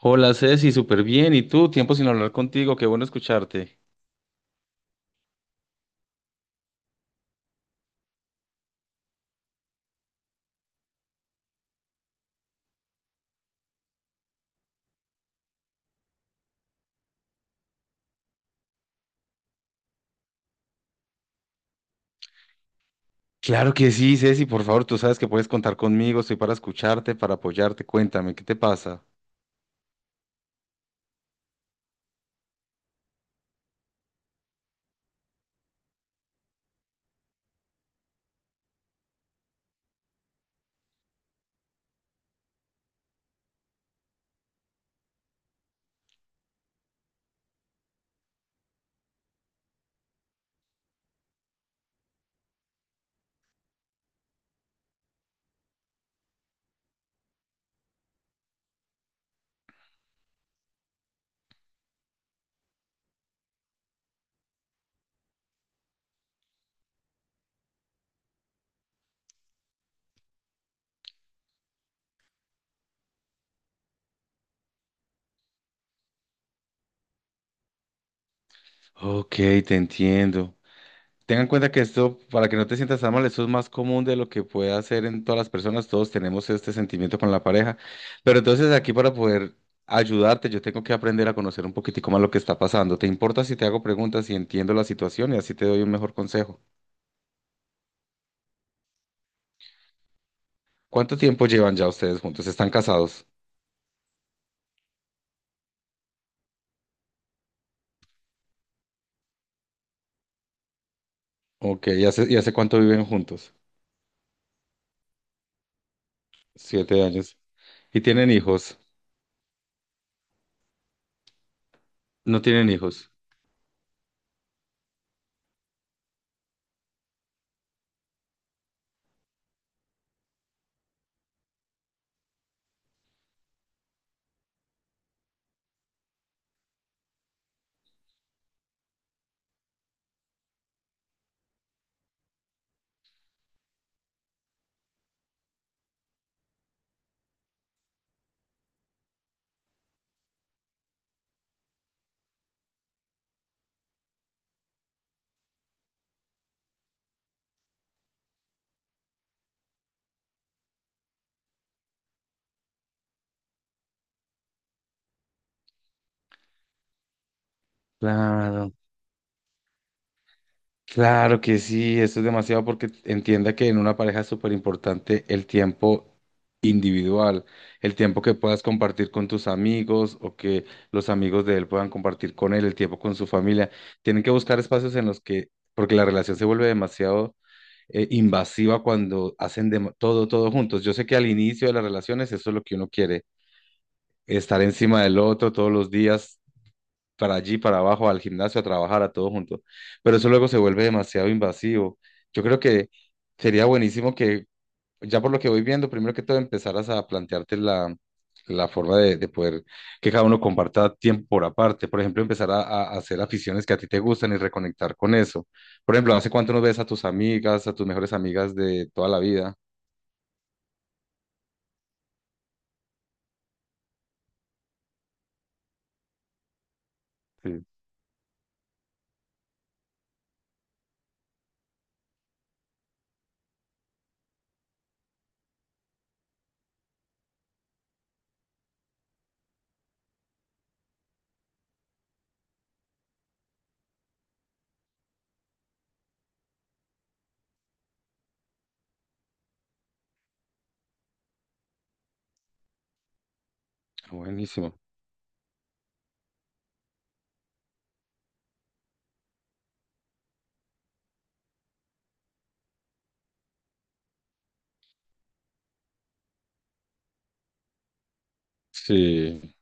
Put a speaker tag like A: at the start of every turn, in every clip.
A: Hola Ceci, súper bien. ¿Y tú? Tiempo sin hablar contigo, qué bueno escucharte. Claro que sí, Ceci, por favor, tú sabes que puedes contar conmigo, estoy para escucharte, para apoyarte, cuéntame, ¿qué te pasa? Ok, te entiendo. Tengan en cuenta que esto, para que no te sientas tan mal, esto es más común de lo que puede hacer en todas las personas, todos tenemos este sentimiento con la pareja, pero entonces aquí para poder ayudarte, yo tengo que aprender a conocer un poquitico más lo que está pasando. ¿Te importa si te hago preguntas y entiendo la situación y así te doy un mejor consejo? ¿Cuánto tiempo llevan ya ustedes juntos? ¿Están casados? Ok, ¿y hace cuánto viven juntos? 7 años. ¿Y tienen hijos? No tienen hijos. Claro, claro que sí, eso es demasiado porque entienda que en una pareja es súper importante el tiempo individual, el tiempo que puedas compartir con tus amigos o que los amigos de él puedan compartir con él, el tiempo con su familia. Tienen que buscar espacios en los que, porque la relación se vuelve demasiado invasiva cuando hacen todo, todo juntos. Yo sé que al inicio de las relaciones eso es lo que uno quiere estar encima del otro todos los días, para allí, para abajo, al gimnasio, a trabajar, a todo junto. Pero eso luego se vuelve demasiado invasivo. Yo creo que sería buenísimo que, ya por lo que voy viendo, primero que todo empezaras a plantearte la forma de poder que cada uno comparta tiempo por aparte. Por ejemplo, empezar a hacer aficiones que a ti te gustan y reconectar con eso. Por ejemplo, ¿hace cuánto no ves a tus amigas, a tus mejores amigas de toda la vida? Sí. Buenísimo. Sí.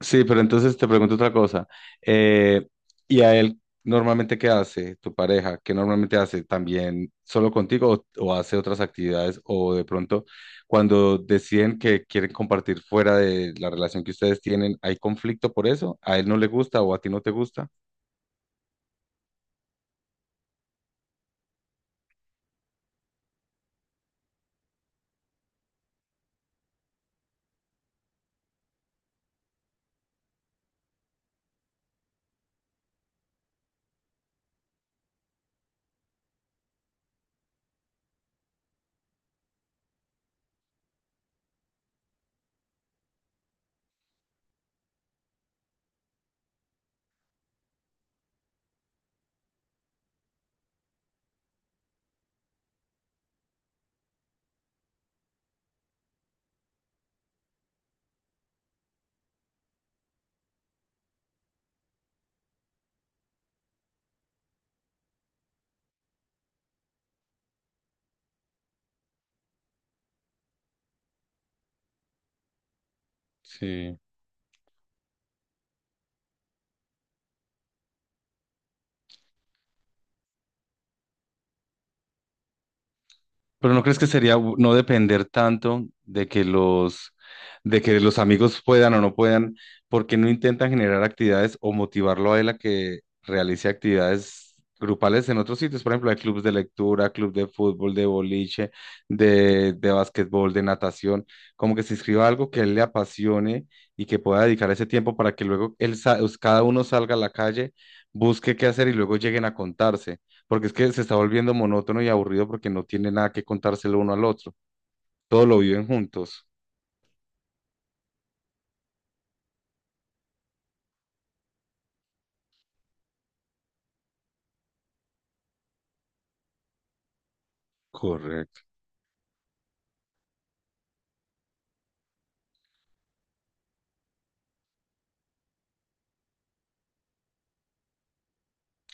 A: Sí, pero entonces te pregunto otra cosa. Eh, ¿y a él normalmente qué hace tu pareja? ¿Qué normalmente hace también solo contigo o hace otras actividades? O de pronto, cuando deciden que quieren compartir fuera de la relación que ustedes tienen, ¿hay conflicto por eso? ¿A él no le gusta o a ti no te gusta? Sí. Pero ¿no crees que sería no depender tanto de que de que los amigos puedan o no puedan, porque no intentan generar actividades o motivarlo a él a que realice actividades grupales en otros sitios? Por ejemplo, hay clubes de lectura, club de fútbol, de boliche, de básquetbol, de natación, como que se inscriba a algo que a él le apasione y que pueda dedicar ese tiempo para que luego él, cada uno salga a la calle, busque qué hacer y luego lleguen a contarse porque es que se está volviendo monótono y aburrido porque no tiene nada que contárselo uno al otro. Todo lo viven juntos. Correcto.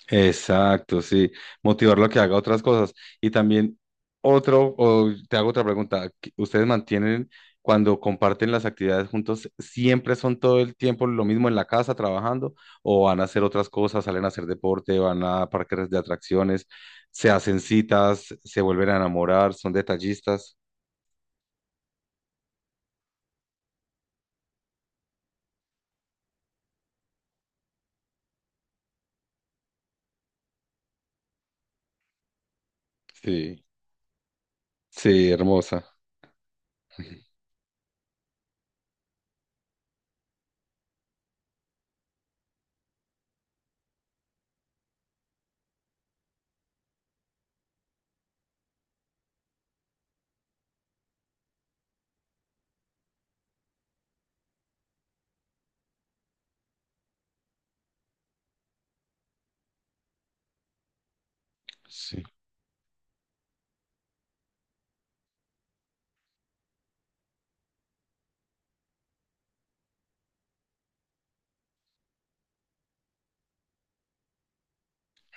A: Exacto, sí. Motivarlo a que haga otras cosas. Y también otro, o te hago otra pregunta. ¿Ustedes mantienen cuando comparten las actividades juntos, siempre son todo el tiempo lo mismo en la casa trabajando o van a hacer otras cosas, salen a hacer deporte, van a parques de atracciones, se hacen citas, se vuelven a enamorar, son detallistas? Sí, sí, hermosa. Sí.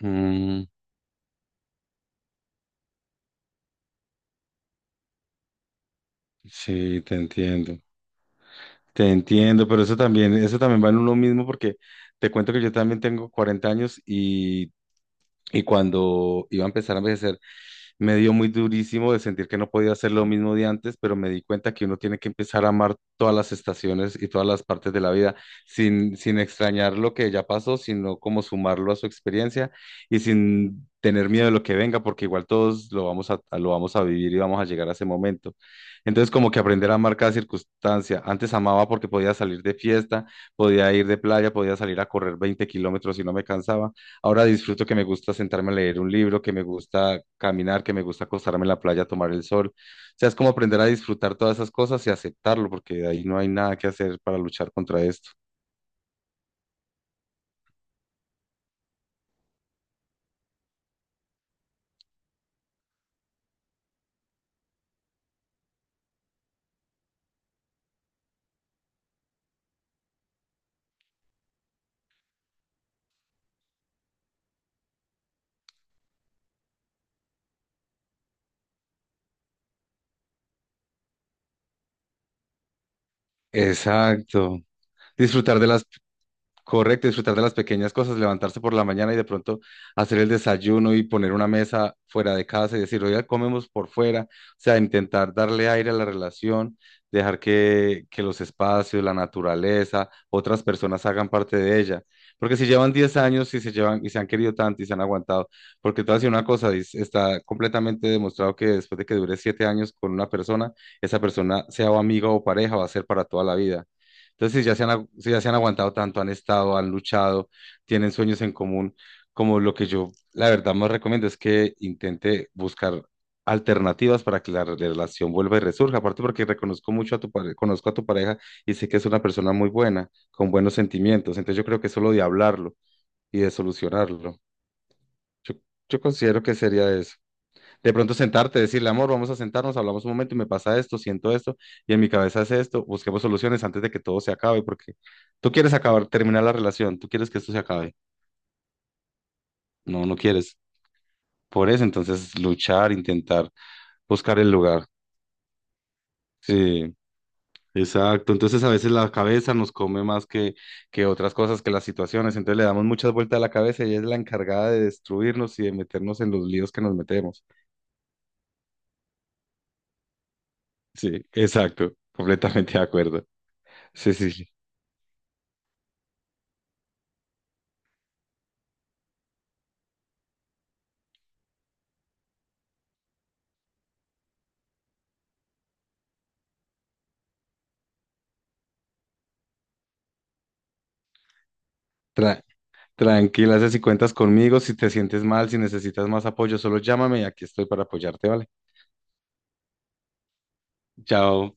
A: Mm, sí, te entiendo. Te entiendo, pero eso también va en uno mismo porque te cuento que yo también tengo 40 años y cuando iba a empezar a envejecer, me dio muy durísimo de sentir que no podía hacer lo mismo de antes, pero me di cuenta que uno tiene que empezar a amar todas las estaciones y todas las partes de la vida, sin extrañar lo que ya pasó, sino como sumarlo a su experiencia y sin tener miedo de lo que venga, porque igual todos lo vamos a vivir y vamos a llegar a ese momento. Entonces, como que aprender a amar cada circunstancia. Antes amaba porque podía salir de fiesta, podía ir de playa, podía salir a correr 20 kilómetros y no me cansaba. Ahora disfruto que me gusta sentarme a leer un libro, que me gusta caminar, que me gusta acostarme en la playa a tomar el sol. O sea, es como aprender a disfrutar todas esas cosas y aceptarlo, porque de ahí no hay nada que hacer para luchar contra esto. Exacto. Disfrutar de las. Correcto, disfrutar de las pequeñas cosas, levantarse por la mañana y de pronto hacer el desayuno y poner una mesa fuera de casa y decir, oiga, comemos por fuera, o sea, intentar darle aire a la relación, dejar que los espacios, la naturaleza, otras personas hagan parte de ella. Porque si llevan 10 años y se llevan y se han querido tanto y se han aguantado, porque te voy a decir una cosa, está completamente demostrado que después de que dure 7 años con una persona, esa persona, sea o amiga o pareja, va a ser para toda la vida. Entonces, si ya se han, si ya se han aguantado tanto, han estado, han luchado, tienen sueños en común, como lo que yo, la verdad, más recomiendo es que intente buscar alternativas para que la relación vuelva y resurja. Aparte porque reconozco mucho a tu pareja, conozco a tu pareja y sé que es una persona muy buena, con buenos sentimientos. Entonces, yo creo que es solo de hablarlo y de solucionarlo. Yo, yo considero que sería eso. De pronto sentarte, decirle, amor, vamos a sentarnos, hablamos un momento y me pasa esto, siento esto, y en mi cabeza es esto, busquemos soluciones antes de que todo se acabe, porque tú quieres acabar, terminar la relación, tú quieres que esto se acabe, no, no quieres. Por eso, entonces, luchar, intentar buscar el lugar. Sí, exacto. Entonces, a veces la cabeza nos come más que otras cosas, que las situaciones, entonces le damos muchas vueltas a la cabeza y ella es la encargada de destruirnos y de meternos en los líos que nos metemos. Sí, exacto, completamente de acuerdo. Sí, sí, sí. Tra- Tranquila, sé si cuentas conmigo, si te sientes mal, si necesitas más apoyo, solo llámame y aquí estoy para apoyarte, ¿vale? Chao.